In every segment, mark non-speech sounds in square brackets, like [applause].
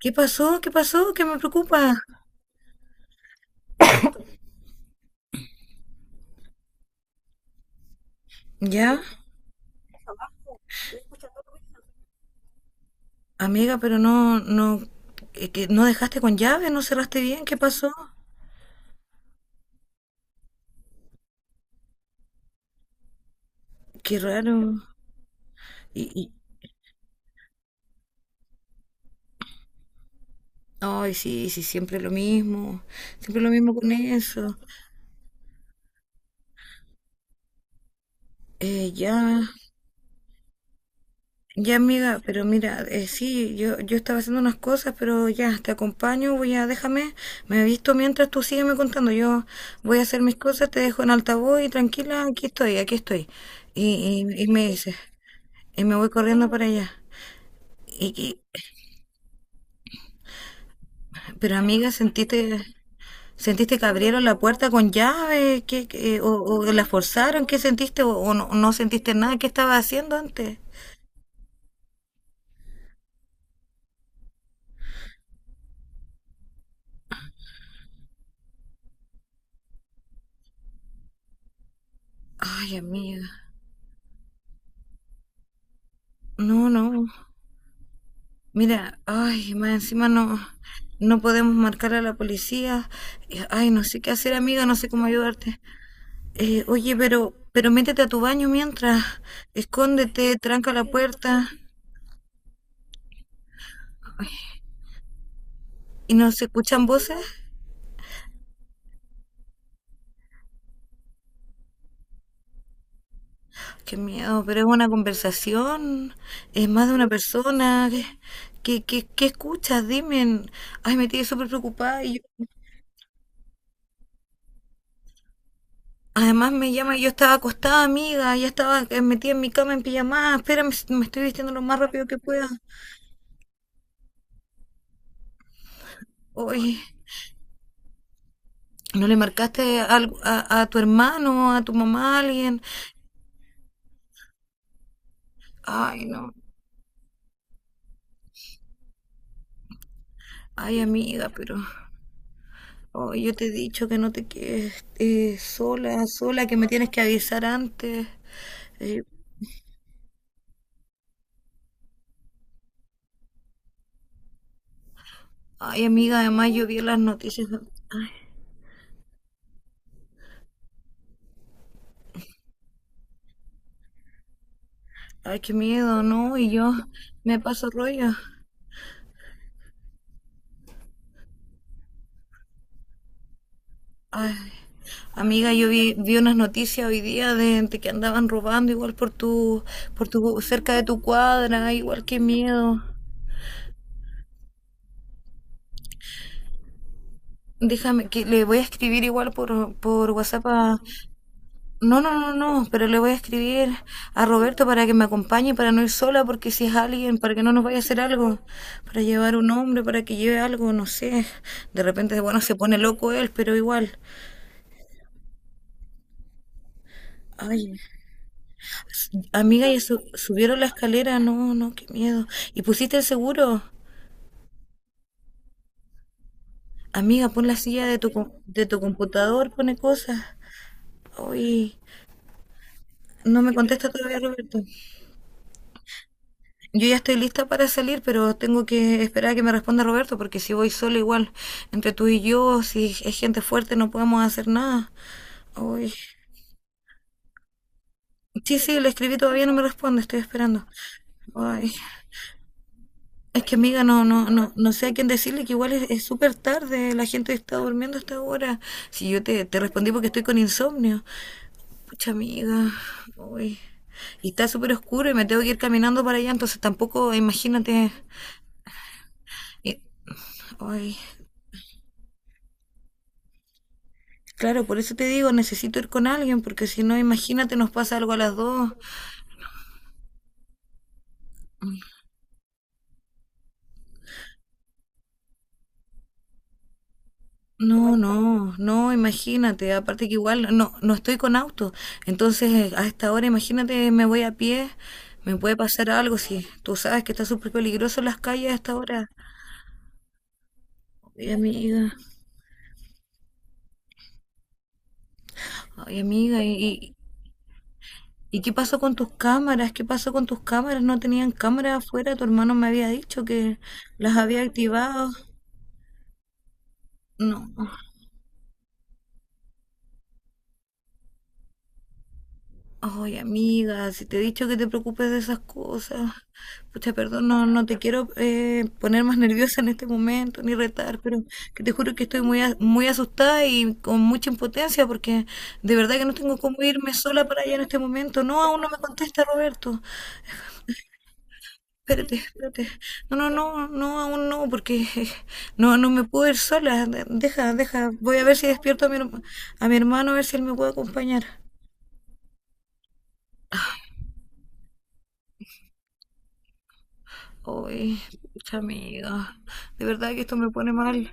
¿Qué pasó? ¿Qué pasó? ¿Qué me preocupa? Ya, amiga, pero no, no, que no dejaste con llave, no cerraste bien, ¿qué pasó? Qué raro. Y, y, ay, sí, sí, siempre lo mismo con eso. Eh, ya, ya, amiga, pero mira, sí, yo estaba haciendo unas cosas, pero ya, te acompaño, déjame, me he visto mientras tú sígueme contando, yo voy a hacer mis cosas, te dejo en altavoz y tranquila, aquí estoy, aquí estoy. Y me dices. Y me voy corriendo para allá. Y, y- pero amiga, ¿sentiste, sentiste que abrieron la puerta con llave? O, ¿o la forzaron? ¿Qué sentiste? ¿O no, no sentiste nada? ¿Qué estaba haciendo antes? Ay, amiga. No, no. Mira, ay, más encima no, no podemos marcar a la policía. Ay, no sé qué hacer, amiga, no sé cómo ayudarte. Oye, pero métete a tu baño mientras. Escóndete, tranca la puerta. ¿Y no se escuchan voces? Qué miedo, pero es una conversación, es más de una persona. ¿Qué escuchas? Dime. Ay, me tiene súper preocupada. Además me llama, yo estaba acostada, amiga, ya estaba metida en mi cama en pijamada. Espérame, me estoy vistiendo lo más rápido que pueda. Oye, ¿no le marcaste algo a tu hermano, a tu mamá, a alguien? Ay, no. Ay, amiga, pero… ay, yo te he dicho que no te quedes sola, sola, que me tienes que avisar antes. Eh, Ay, amiga, además yo vi las noticias. Ay, ay, qué miedo, ¿no? Y yo me paso rollo. Ay, amiga, yo vi, vi unas noticias hoy día de que andaban robando igual por tu, cerca de tu cuadra. Ay, igual, qué miedo. Déjame, que le voy a escribir igual por WhatsApp a… No, no, no, no, pero le voy a escribir a Roberto para que me acompañe, para no ir sola, porque si es alguien, para que no nos vaya a hacer algo, para llevar un hombre, para que lleve algo, no sé. De repente, bueno, se pone loco él, pero igual. Ay, amiga, ya subieron la escalera, no, no, qué miedo. ¿Y pusiste el seguro? Amiga, pon la silla de tu, de tu computador, pone cosas. Ay, no me contesta todavía Roberto. Yo ya estoy lista para salir, pero tengo que esperar a que me responda Roberto, porque si voy sola igual, entre tú y yo, si es gente fuerte, no podemos hacer nada. Uy. Sí, sí, le escribí, todavía no me responde, estoy esperando. Ay. Es que amiga, no, no, no, no sé a quién decirle que igual es súper tarde, la gente está durmiendo hasta ahora. Si yo te, te respondí porque estoy con insomnio. Pucha amiga, uy. Y está súper oscuro y me tengo que ir caminando para allá, entonces tampoco, imagínate. y- Ay. Claro, por eso te digo, necesito ir con alguien, porque si no, imagínate, nos pasa algo a las dos. No, no, no, imagínate. Aparte que igual no, no estoy con auto. Entonces, a esta hora, imagínate, me voy a pie, me puede pasar algo. Si tú sabes que está súper peligroso en las calles a esta hora. Ay, amiga, ay, amiga, y ¿qué pasó con tus cámaras? ¿Qué pasó con tus cámaras? ¿No tenían cámaras afuera? Tu hermano me había dicho que las había activado. No. Ay, amiga, si te he dicho que te preocupes de esas cosas. Pucha, perdón, no, no te quiero poner más [laughs] nerviosa en este momento ni retar, pero que te juro que estoy muy, muy asustada y con mucha impotencia porque de verdad que no tengo cómo irme sola para allá en este momento. No, aún no me contesta Roberto. Espérate, espérate. No, no, no, no, aún no, porque [laughs] no, no me puedo ir sola. Deja, deja. Voy a ver si despierto a mi, a mi hermano, a ver si él me puede acompañar. Uy, mucha amiga, de verdad que esto me pone mal.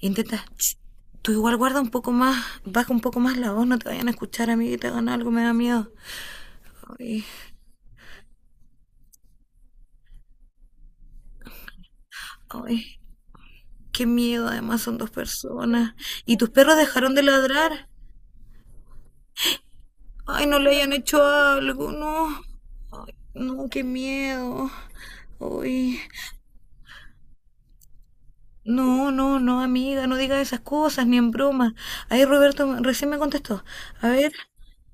Intenta, ch, tú igual guarda un poco más, baja un poco más la voz, no te vayan a escuchar, amiga, y te hagan algo, me da miedo. Ay, ay, qué miedo, además son dos personas. ¿Y tus perros dejaron de ladrar? Ay, no le hayan hecho algo, no. Ay, no, qué miedo. Uy. No, no, no, amiga, no digas esas cosas, ni en broma. Ahí Roberto recién me contestó. A ver,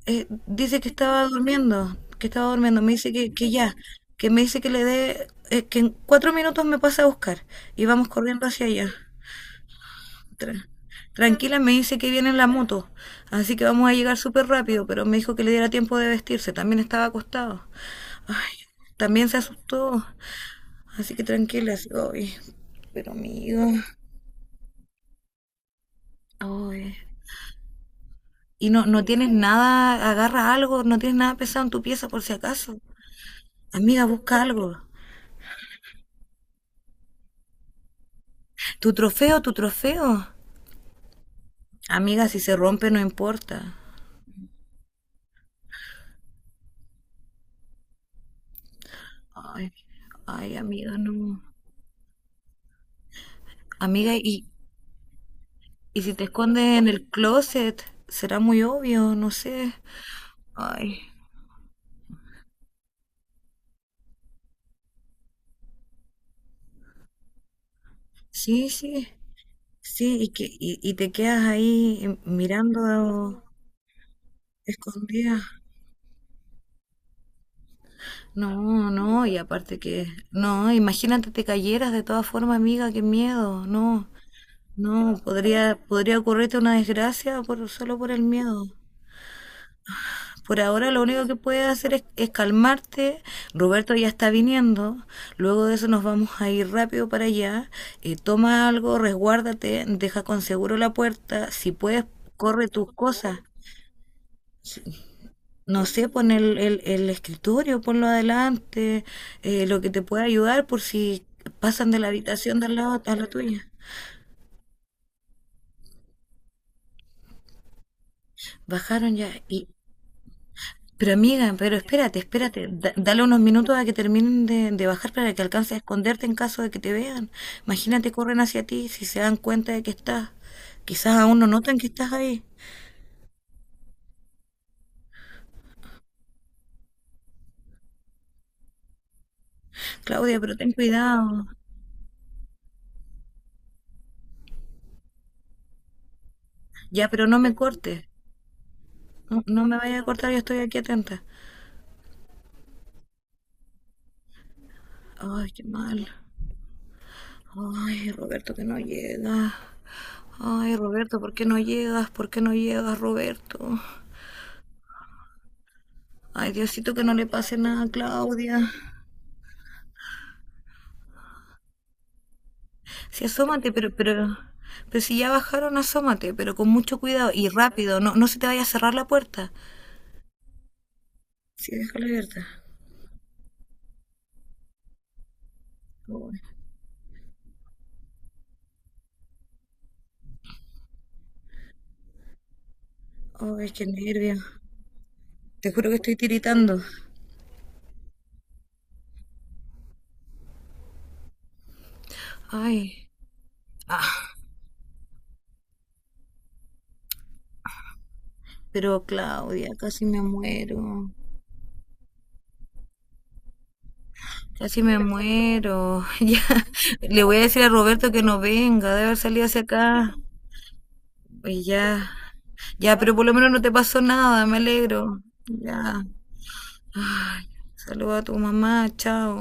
dice que estaba durmiendo, que estaba durmiendo. Me dice que ya, que me dice que le dé, que en 4 minutos me pasa a buscar y vamos corriendo hacia allá. Tra- Tranquila, me dice que viene en la moto, así que vamos a llegar súper rápido, pero me dijo que le diera tiempo de vestirse, también estaba acostado. Ay, también se asustó, así que tranquila, así, ay, pero amigo, ay. Y no, no tienes nada, agarra algo, no tienes nada pesado en tu pieza por si acaso. Amiga, busca algo. Tu trofeo, tu trofeo. Amiga, si se rompe no importa. Ay, ay, amiga, no. Amiga, y si te escondes en el closet, será muy obvio, no sé. Ay, sí, sí, sí, y te quedas ahí mirando escondida. No, no, y aparte que, no, imagínate te cayeras de todas formas, amiga, qué miedo, no, no, podría, podría ocurrirte una desgracia por, solo por el miedo. Por ahora lo único que puedes hacer es calmarte. Roberto ya está viniendo, luego de eso nos vamos a ir rápido para allá, toma algo, resguárdate, deja con seguro la puerta, si puedes, corre tus cosas, no sé, pon el escritorio, ponlo adelante, lo que te pueda ayudar por si pasan de la habitación de al lado a la tuya. Bajaron ya y… Pero amiga, pero espérate, espérate, dale unos minutos a que terminen de bajar para que alcance a esconderte en caso de que te vean. Imagínate, corren hacia ti si se dan cuenta de que estás. Quizás aún no notan que estás ahí. Claudia, pero ten cuidado. Ya, pero no me cortes. No, no me vayas a cortar, yo estoy aquí atenta. Ay, qué mal. Ay, Roberto, que no llega. Ay, Roberto, ¿por qué no llegas? ¿Por qué no llegas, Roberto? Ay, Diosito, que no le pase nada a Claudia. Sí, asómate, pero si ya bajaron, asómate, pero con mucho cuidado y rápido, no, no se te vaya a cerrar la puerta. Sí, déjala abierta. Ay, ay, qué nervio. Te juro que estoy tiritando. Ay, ah, pero Claudia, casi me muero. Casi me muero. [laughs] Ya. Le voy a decir a Roberto que no venga, debe haber salido hacia acá. Pues ya. Ya, pero por lo menos no te pasó nada, me alegro. Ya. Saluda a tu mamá, chao.